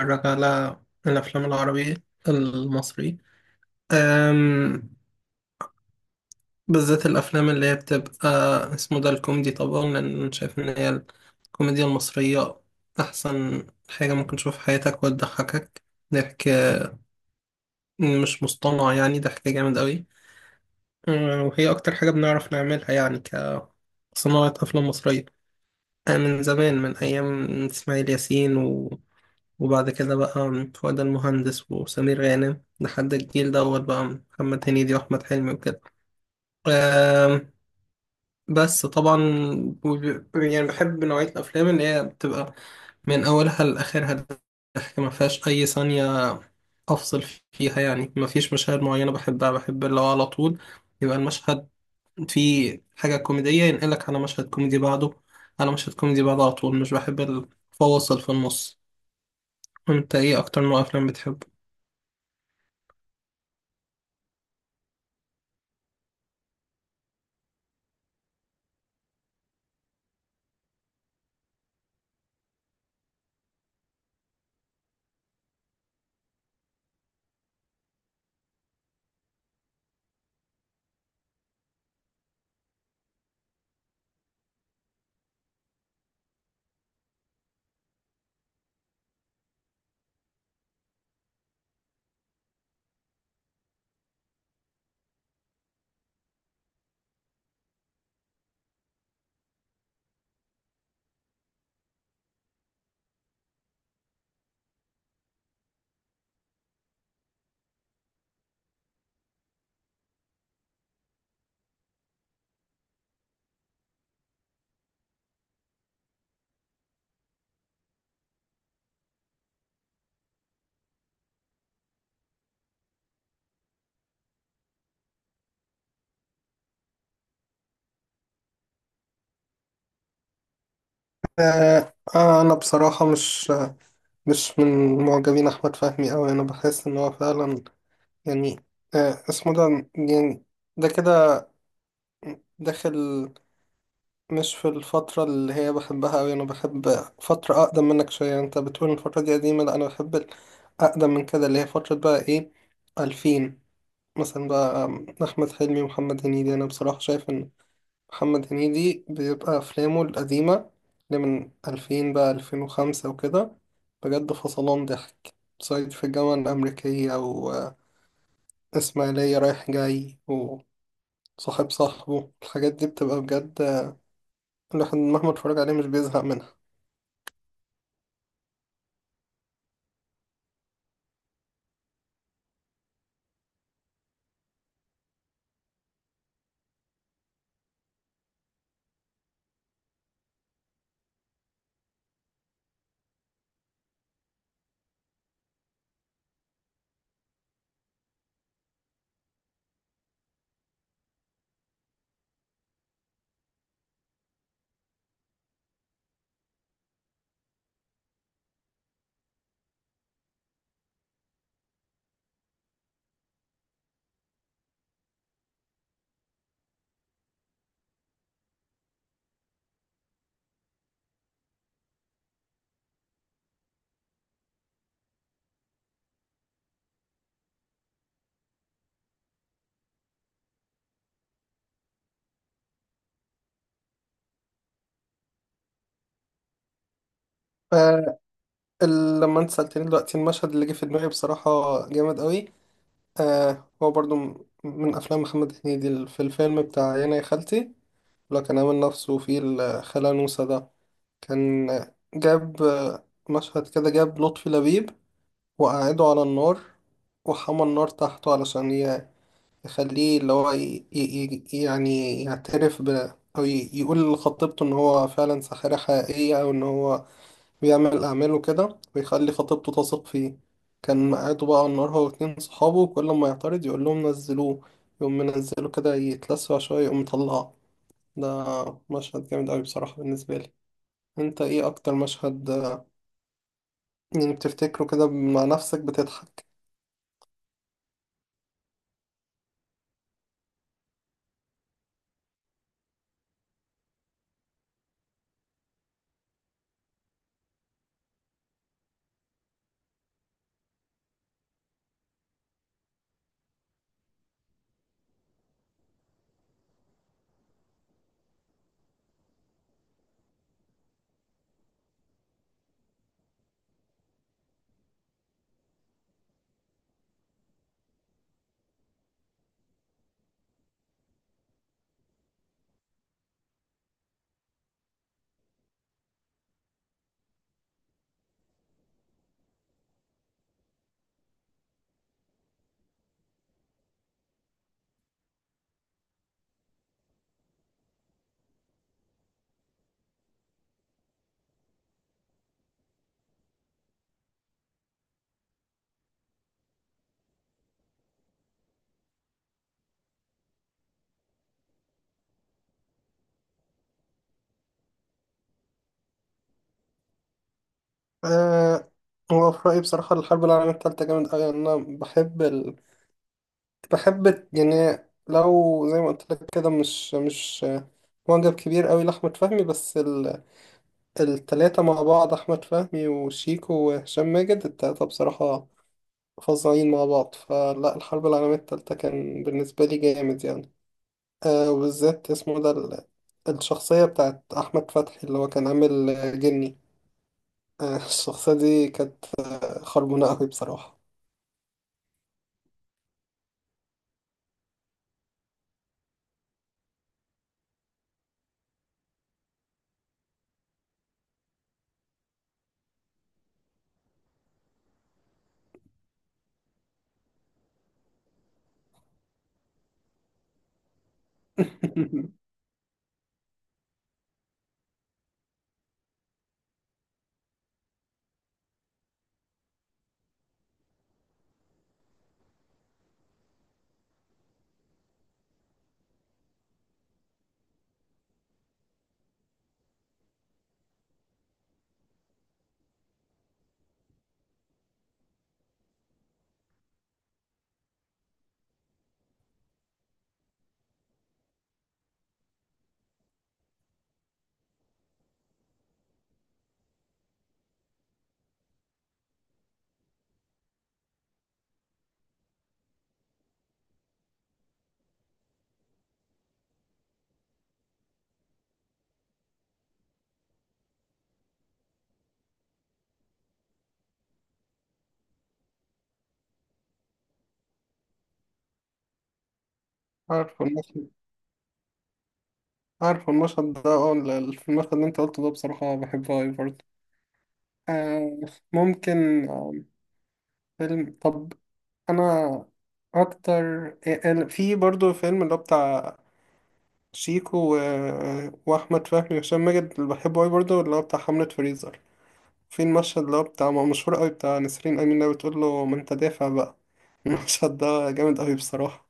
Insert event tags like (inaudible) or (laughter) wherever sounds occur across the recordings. اتفرج على الافلام العربية المصري، أم بالذات الافلام اللي هي بتبقى اسمه ده الكوميدي طبعا، لان أنا شايف ان هي الكوميديا المصرية احسن حاجة ممكن تشوفها في حياتك وتضحكك ضحك مش مصطنع، يعني ضحك جامد قوي. وهي اكتر حاجة بنعرف نعملها يعني كصناعة افلام مصرية. من زمان، من ايام اسماعيل ياسين، وبعد كده بقى فؤاد المهندس وسمير غانم لحد الجيل دوت بقى محمد هنيدي وأحمد حلمي وكده. آم، بس طبعا، يعني بحب نوعية الأفلام اللي هي بتبقى من أولها لآخرها ضحك، ما فيهاش أي ثانية أفصل فيها، يعني ما فيش مشاهد معينة بحبها، بحب اللي هو على طول يبقى المشهد فيه حاجة كوميدية ينقلك على مشهد كوميدي بعده، على مشهد كوميدي بعده على طول. مش بحب الفواصل في النص. انت ايه اكتر نوع افلام بتحبه؟ أنا بصراحة مش مش من معجبين أحمد فهمي أوي، أنا بحس إن هو فعلا يعني اسمه ده يعني ده كده داخل، مش في الفترة اللي هي بحبها أوي. أنا بحب فترة أقدم منك شوية. أنت بتقول إن الفترة دي قديمة، لأ أنا بحب أقدم من كده، اللي هي فترة بقى إيه، 2000 مثلا. بقى أحمد حلمي ومحمد هنيدي، أنا بصراحة شايف إن محمد هنيدي بيبقى أفلامه القديمة اللي من 2000 بقى 2005 وكده بجد فصلان ضحك. صعيدي في الجامعة الأمريكية، وإسماعيلية رايح جاي، وصاحب صاحبه، الحاجات دي بتبقى بجد الواحد مهما اتفرج عليه مش بيزهق منها. آه، لما انت سألتني دلوقتي المشهد اللي جه في دماغي بصراحة جامد قوي. آه، هو برضو من أفلام محمد هنيدي، في الفيلم بتاع يانا يا خالتي لو كان عامل نفسه في الخالة نوسة ده، كان جاب مشهد كده، جاب لطفي لبيب وقعده على النار وحمى النار تحته علشان يخليه اللي هو يعني يعترف ب، أو يقول لخطيبته إن هو فعلا ساحرة حقيقية، أو إن هو بيعمل أعماله كده ويخلي خطيبته تثق فيه. كان قاعده بقى على النار هو واتنين صحابه، وكل ما يعترض يقول لهم نزلوه، يقوم منزله كده يتلسع شوية يقوم مطلعه. ده مشهد جامد أوي بصراحة بالنسبة لي. انت ايه اكتر مشهد يعني بتفتكره كده مع نفسك بتضحك؟ أه، هو في رأيي بصراحة الحرب العالمية التالتة جامد أوي، يعني أنا بحب بحب يعني، لو زي ما قلت لك كده، مش معجب كبير أوي لأحمد فهمي، بس التلاتة مع بعض، أحمد فهمي وشيكو وهشام ماجد، التلاتة بصراحة فظيعين مع بعض، فلا الحرب العالمية التالتة كان بالنسبة لي جامد يعني. أه، وبالذات اسمه ده الشخصية بتاعت أحمد فتحي اللي هو كان عامل جني، الشخصية دي كانت خربونة أوي بصراحة. (laughs) عارف المشهد، عارف المشهد ده اه المشهد اللي انت قلته ده بصراحة بحبه أوي برضه. آه، ممكن فيلم، طب أنا أكتر في برضه فيلم اللي هو بتاع شيكو و... آه، وأحمد فهمي وهشام ماجد اللي بحبه أوي برضه، اللي هو بتاع حملة فريزر. في المشهد اللي هو بتاع، ما هو مشهور أوي بتاع نسرين أمين اللي بتقول له ما أنت دافع بقى. (laughs) المشهد ده جامد أوي بصراحة.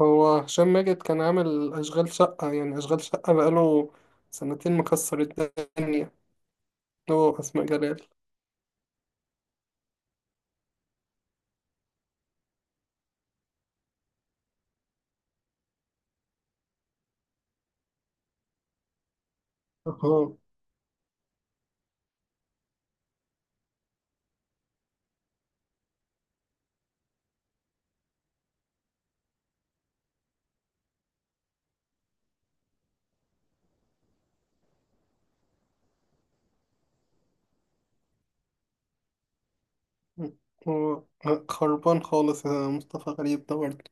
هو هشام ماجد كان عامل أشغال شقة، يعني أشغال شقة بقاله سنتين مكسر الدنيا. هو أسماء جلال. هو هو خربان خالص يا مصطفى غريب ده برضه.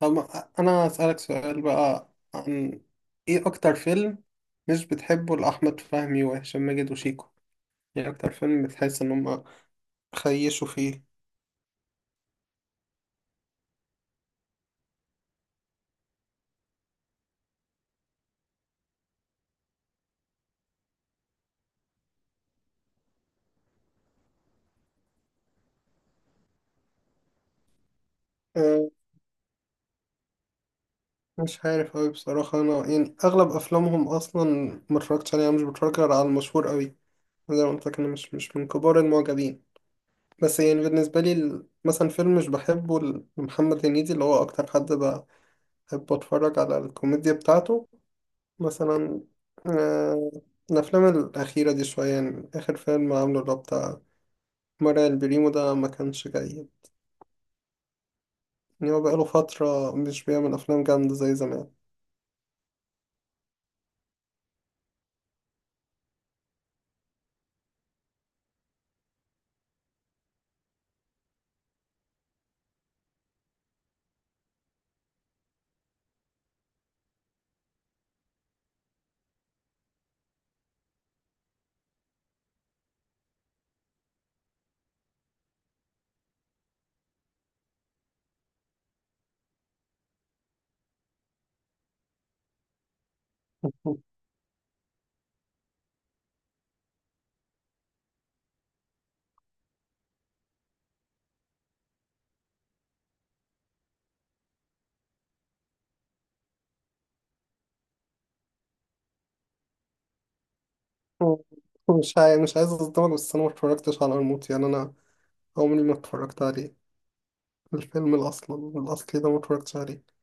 طب أنا أسألك سؤال بقى، عن إيه أكتر فيلم مش بتحبه لأحمد فهمي وهشام ماجد وشيكو، يعني أكتر فيلم بتحس إن هما خيشوا فيه؟ أه، مش عارف أوي بصراحة، أنا يعني أغلب أفلامهم أصلا متفرجتش عليها، مش بتفرج غير على المشهور أوي. زي ما قلت لك، أنا مش من كبار المعجبين. بس يعني بالنسبة لي، مثلا فيلم مش بحبه لمحمد هنيدي اللي هو أكتر حد بحب أتفرج على الكوميديا بتاعته، مثلا آه، الأفلام الأخيرة دي شوية، يعني آخر فيلم عامله اللي هو بتاع مرعي البريمو ده ما كانش جيد. يعني هو بقاله فترة مش بيعمل أفلام جامدة زي زمان. (laughs) مش عايز أصدمك، بس أنا متفرجتش على الموت، يعني أنا عمري ما اتفرجت عليه، الفيلم الأصل الأصلي ده متفرجتش عليه.